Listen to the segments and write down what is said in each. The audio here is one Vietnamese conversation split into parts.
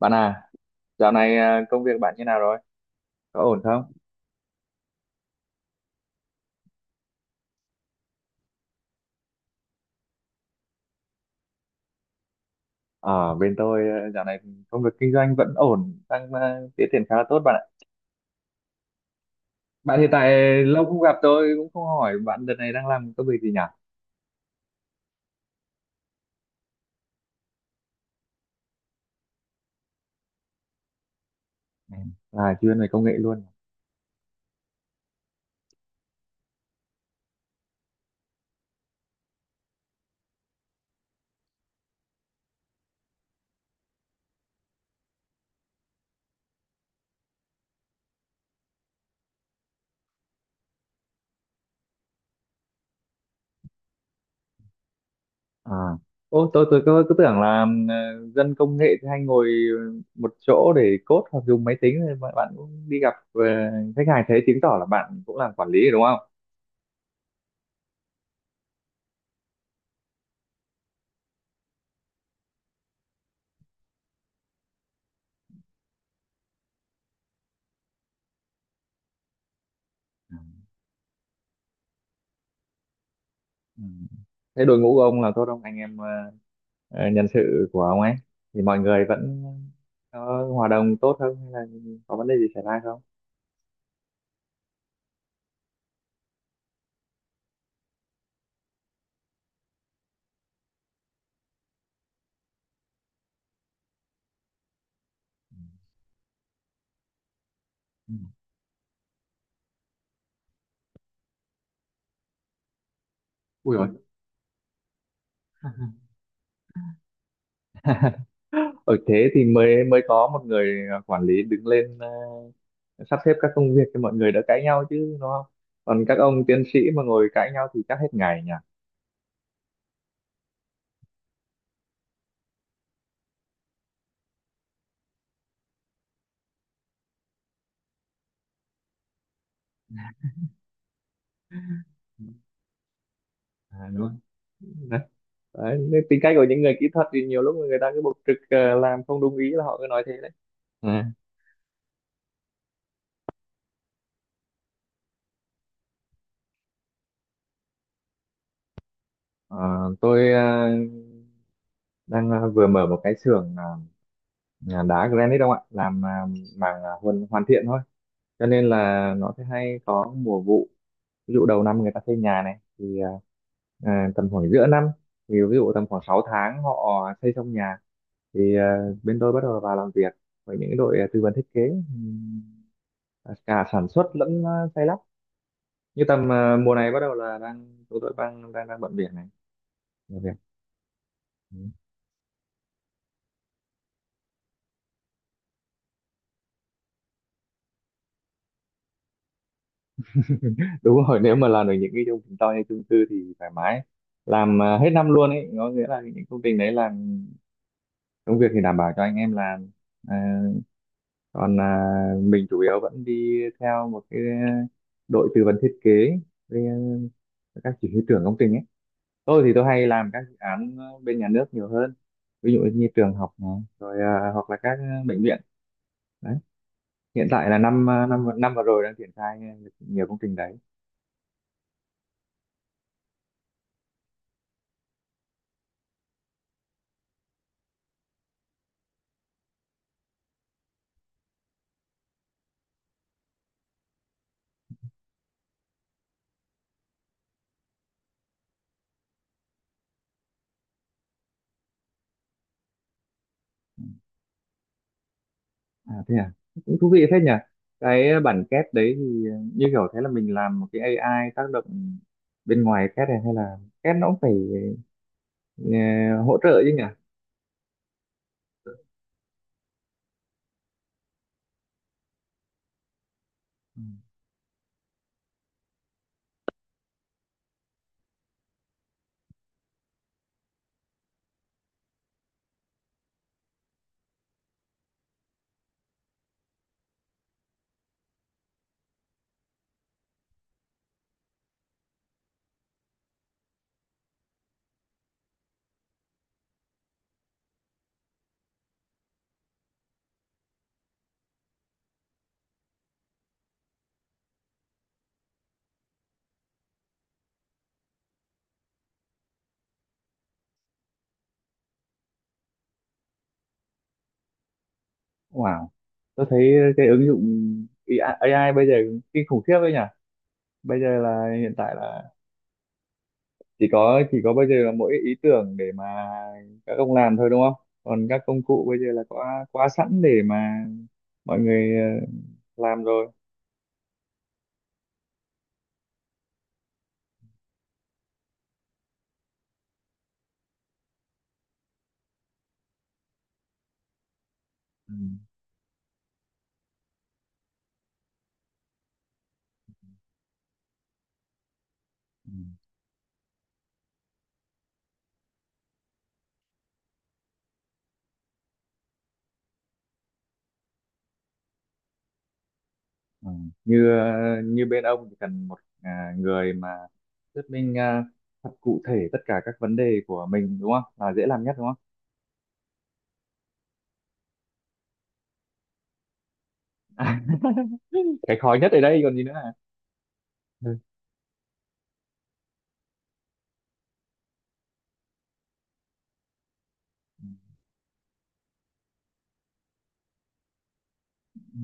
Bạn à, dạo này công việc bạn như nào rồi? Có ổn không? Ở bên tôi à, dạo này công việc kinh doanh vẫn ổn, đang tiến triển khá là tốt bạn ạ. Bạn hiện tại lâu không gặp tôi cũng không hỏi bạn đợt này đang làm công việc gì nhỉ? Ừ, là chuyên về công nghệ luôn. À. Ô, tôi cứ tưởng là dân công nghệ thì hay ngồi một chỗ để code hoặc dùng máy tính thì bạn cũng đi gặp khách hàng, thế chứng tỏ là bạn cũng làm quản lý rồi đúng không? Ừ. Thế đội ngũ của ông là tốt không? Anh em nhân sự của ông ấy thì mọi người vẫn có hòa đồng tốt không hay là có vấn đề gì xảy ra không? Ừ. Ui, rồi ở thế thì mới mới có một người quản lý đứng lên, sắp xếp các công việc cho mọi người đỡ cãi nhau chứ đúng không, còn các ông tiến sĩ mà ngồi cãi nhau thì chắc hết ngày nhỉ. À, đúng rồi. Đấy, đấy, nên tính cách của những người kỹ thuật thì nhiều lúc người ta cứ bộc trực, làm không đúng ý là họ cứ nói thế đấy. Ừ. Ờ, tôi đang vừa mở một cái xưởng đá granite không ạ, làm màng hoàn hoàn thiện thôi, cho nên là nó sẽ hay có mùa vụ. Ví dụ đầu năm người ta xây nhà này thì tầm khoảng giữa năm, thì ví dụ tầm khoảng 6 tháng họ xây xong nhà thì bên tôi bắt đầu vào làm việc với những đội tư vấn thiết kế, ừm, cả sản xuất lẫn xây lắp. Như tầm mùa này bắt đầu là đang tụi tôi đang đang đang bận việc này, làm việc. Đúng rồi, nếu mà làm được những cái công trình to như chung cư thì thoải mái, làm hết năm luôn ấy, có nghĩa là những công trình đấy làm công việc thì đảm bảo cho anh em làm. à, còn mình chủ yếu vẫn đi theo một cái đội tư vấn thiết kế với các chỉ huy trưởng công trình ấy. Tôi thì tôi hay làm các dự án bên nhà nước nhiều hơn, ví dụ như trường học này, rồi hoặc là các bệnh viện. Đấy, hiện tại là năm năm năm vừa rồi đang triển khai nhiều công trình đấy. À thế à, cũng thú vị phết nhỉ. Cái bản két đấy thì như kiểu thế là mình làm một cái AI tác động bên ngoài két này, hay là két nó cũng phải ờ, hỗ trợ chứ nhỉ? Ừ. Wow, tôi thấy cái ứng dụng AI AI bây giờ kinh khủng khiếp đấy nhỉ. Bây giờ là hiện tại là chỉ có bây giờ là mỗi ý tưởng để mà các ông làm thôi đúng không? Còn các công cụ bây giờ là có quá sẵn để mà mọi người làm rồi. Ừ. Ừ. Ừ. Như ờ, như bên ông thì cần một người mà thuyết minh thật cụ thể tất cả các vấn đề của mình đúng không? Là dễ làm nhất đúng không? Cái khó nhất ở đây còn gì nữa à? Ừ. Ừ.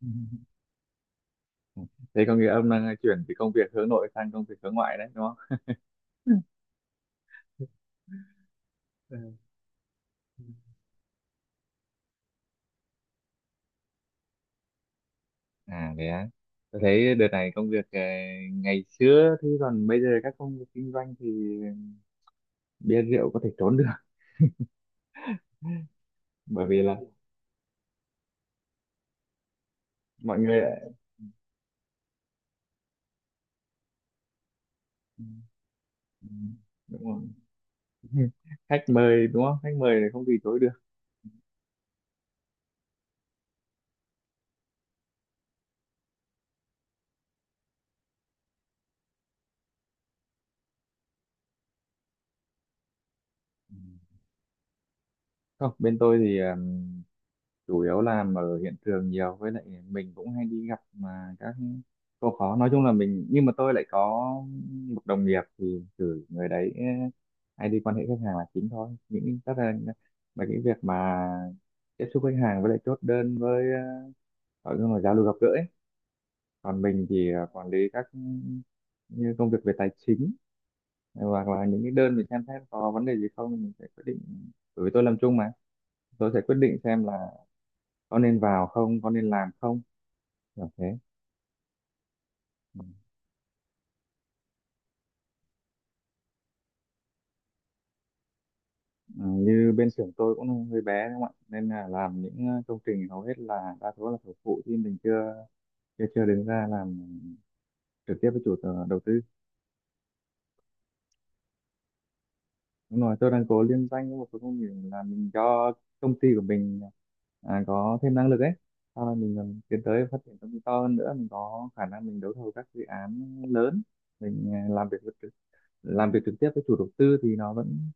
Ừ. Thế có nghĩa ông đang chuyển từ công việc hướng nội sang công việc hướng ngoại đấy đúng không? Ừ. Ừ. À thế á. Tôi thấy đợt này công việc ngày xưa thì còn bây giờ các công việc kinh doanh thì bia rượu có thể trốn được, bởi vì là mọi người. Ừ. Đúng rồi. Khách mời đúng không, khách mời thì không từ chối được. Ừ. Không, bên tôi thì chủ yếu làm ở hiện trường nhiều, với lại mình cũng hay đi gặp mà các cô khó, nói chung là mình, nhưng mà tôi lại có một đồng nghiệp thì cử người đấy, hay đi quan hệ khách hàng là chính thôi, những tất là những việc mà tiếp xúc khách hàng với lại chốt đơn, với gọi là giao lưu gặp gỡ ấy. Còn mình thì quản lý các như công việc về tài chính, hoặc là những cái đơn mình xem xét có vấn đề gì không mình sẽ quyết định, bởi vì tôi làm chung mà, tôi sẽ quyết định xem là có nên vào không, có nên làm không, kiểu thế. Ừ. Ừ, như bên xưởng tôi cũng hơi bé đúng không ạ, nên là làm những công trình hầu hết là đa số là thầu phụ, thì mình chưa chưa chưa đứng ra làm trực tiếp với đầu tư. Đúng rồi, tôi đang cố liên danh với một số công việc là mình cho công ty của mình có thêm năng lực ấy. Sau này mình còn tiến tới phát triển công ty to hơn nữa, mình có khả năng mình đấu thầu các dự án lớn, mình làm việc trực tiếp với chủ đầu tư thì nó vẫn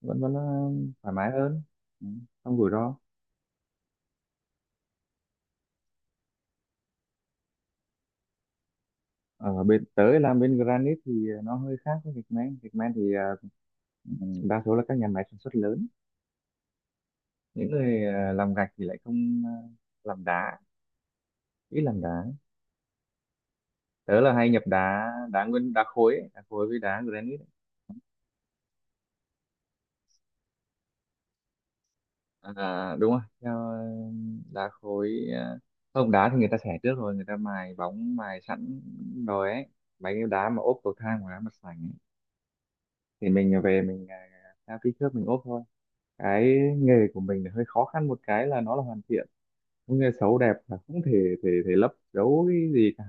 vẫn vẫn là thoải mái hơn, ừ, không rủi ro. Ở bên tới làm bên Granite thì nó hơi khác với gạch men. Gạch men thì à, ừ, đa số là các nhà máy sản xuất lớn. Những người làm gạch thì lại không làm đá, ít làm đá. Tớ là hay nhập đá, đá nguyên đá khối ấy, đá khối với đá granite ấy. À, đúng rồi, theo đá khối, không, đá thì người ta xẻ trước rồi người ta mài bóng mài sẵn rồi ấy, mấy cái đá mà ốp cầu thang hoặc đá mặt sảnh ấy. Thì mình về mình theo kích thước mình ốp thôi. Cái nghề của mình là hơi khó khăn, một cái là nó là hoàn thiện, nghề xấu đẹp là không thể thể thể lấp giấu cái gì cả,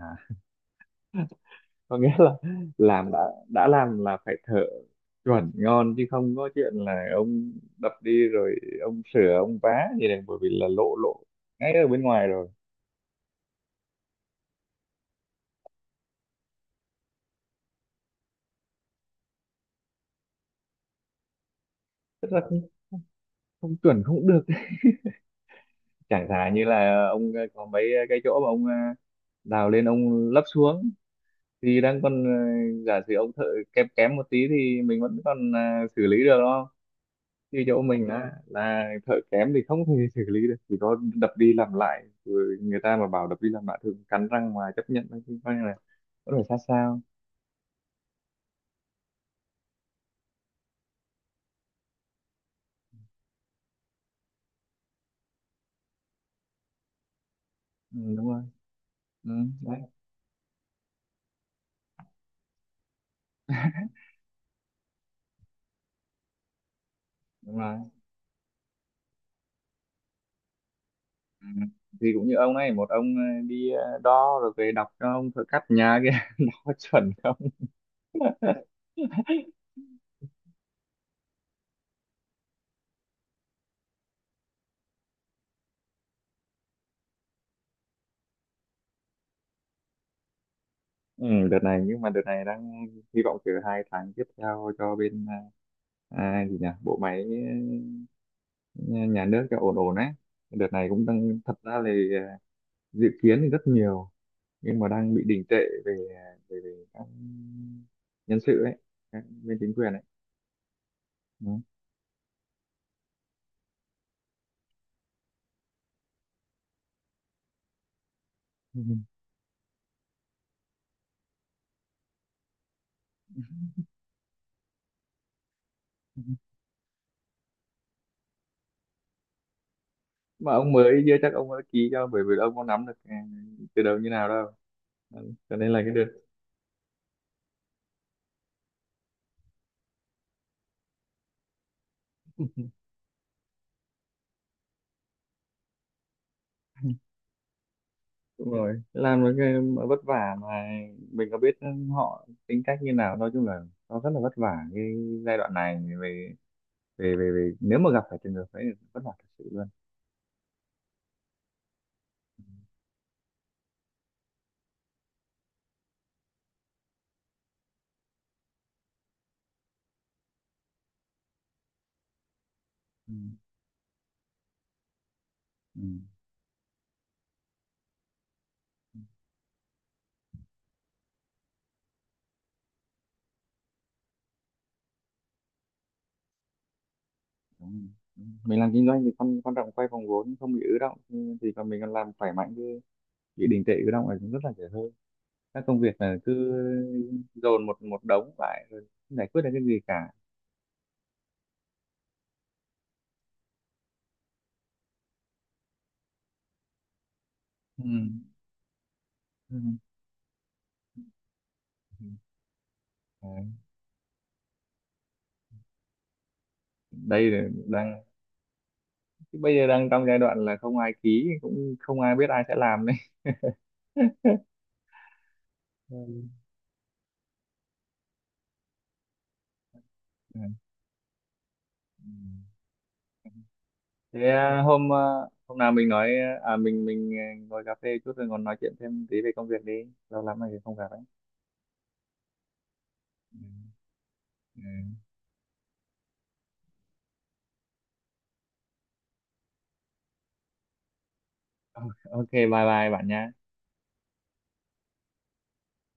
có nghĩa là làm đã làm là phải thợ chuẩn ngon, chứ không có chuyện là ông đập đi rồi ông sửa ông vá gì này, bởi vì là lộ lộ ngay ở bên ngoài rồi. Không chuẩn không được. Chẳng thà như là ông, có mấy cái chỗ mà ông, đào lên ông lấp xuống thì đang còn, giả sử ông thợ kém kém một tí thì mình vẫn còn, xử lý được đúng không, như chỗ mình là thợ kém thì không thể xử lý được, chỉ có đập đi làm lại, rồi người ta mà bảo đập đi làm lại thường cắn răng mà chấp nhận thôi, chứ coi như là có thể sát sao. Ừ, đúng rồi. Ừ, đấy. Đúng rồi. Ừ. Thì cũng như ông này, một ông đi đo rồi về đọc cho ông thợ cắt nhà kia đo chuẩn không. Ừ, đợt này, nhưng mà đợt này đang hy vọng từ hai tháng tiếp theo cho bên, gì nhỉ, bộ máy ờ, nhà nước cho ổn ổn ấy. Đợt này cũng đang, thật ra là dự kiến thì rất nhiều nhưng mà đang bị đình trệ về về các nhân sự ấy, các bên chính quyền ấy. Đó. Ừ. Mà ông mới kia chắc ông đã ký cho, bởi vì ông có nắm được từ đầu như nào đâu. Đó. Cho nên là cái được. Đúng rồi, làm một cái mà vất vả, mà mình có biết họ tính cách như nào, nói chung là nó rất là vất vả cái giai đoạn này về về nếu mà gặp phải trường hợp ấy thì vất vả thật sự luôn. Ừ. Ừ. Đúng. Đúng. Mình làm kinh doanh thì quan quan trọng quay vòng vốn không bị ứ động thì còn mình còn làm khỏe mạnh chứ, bị đình trệ ứ động là cũng rất là dễ hơi, các công việc là cứ dồn một một đống lại rồi không giải quyết được cái gì cả. Ừ. Ừ. Đấy. Đây là đang, chứ bây giờ đang trong giai đoạn là không ai ký cũng không ai biết ai sẽ làm đấy. Ừ. Ừ. Thế hôm nào mình nói, ngồi cà phê chút rồi còn nói chuyện thêm tí về công việc đi, lâu lắm rồi không gặp ấy. Ừ. OK, bye bye bạn nha.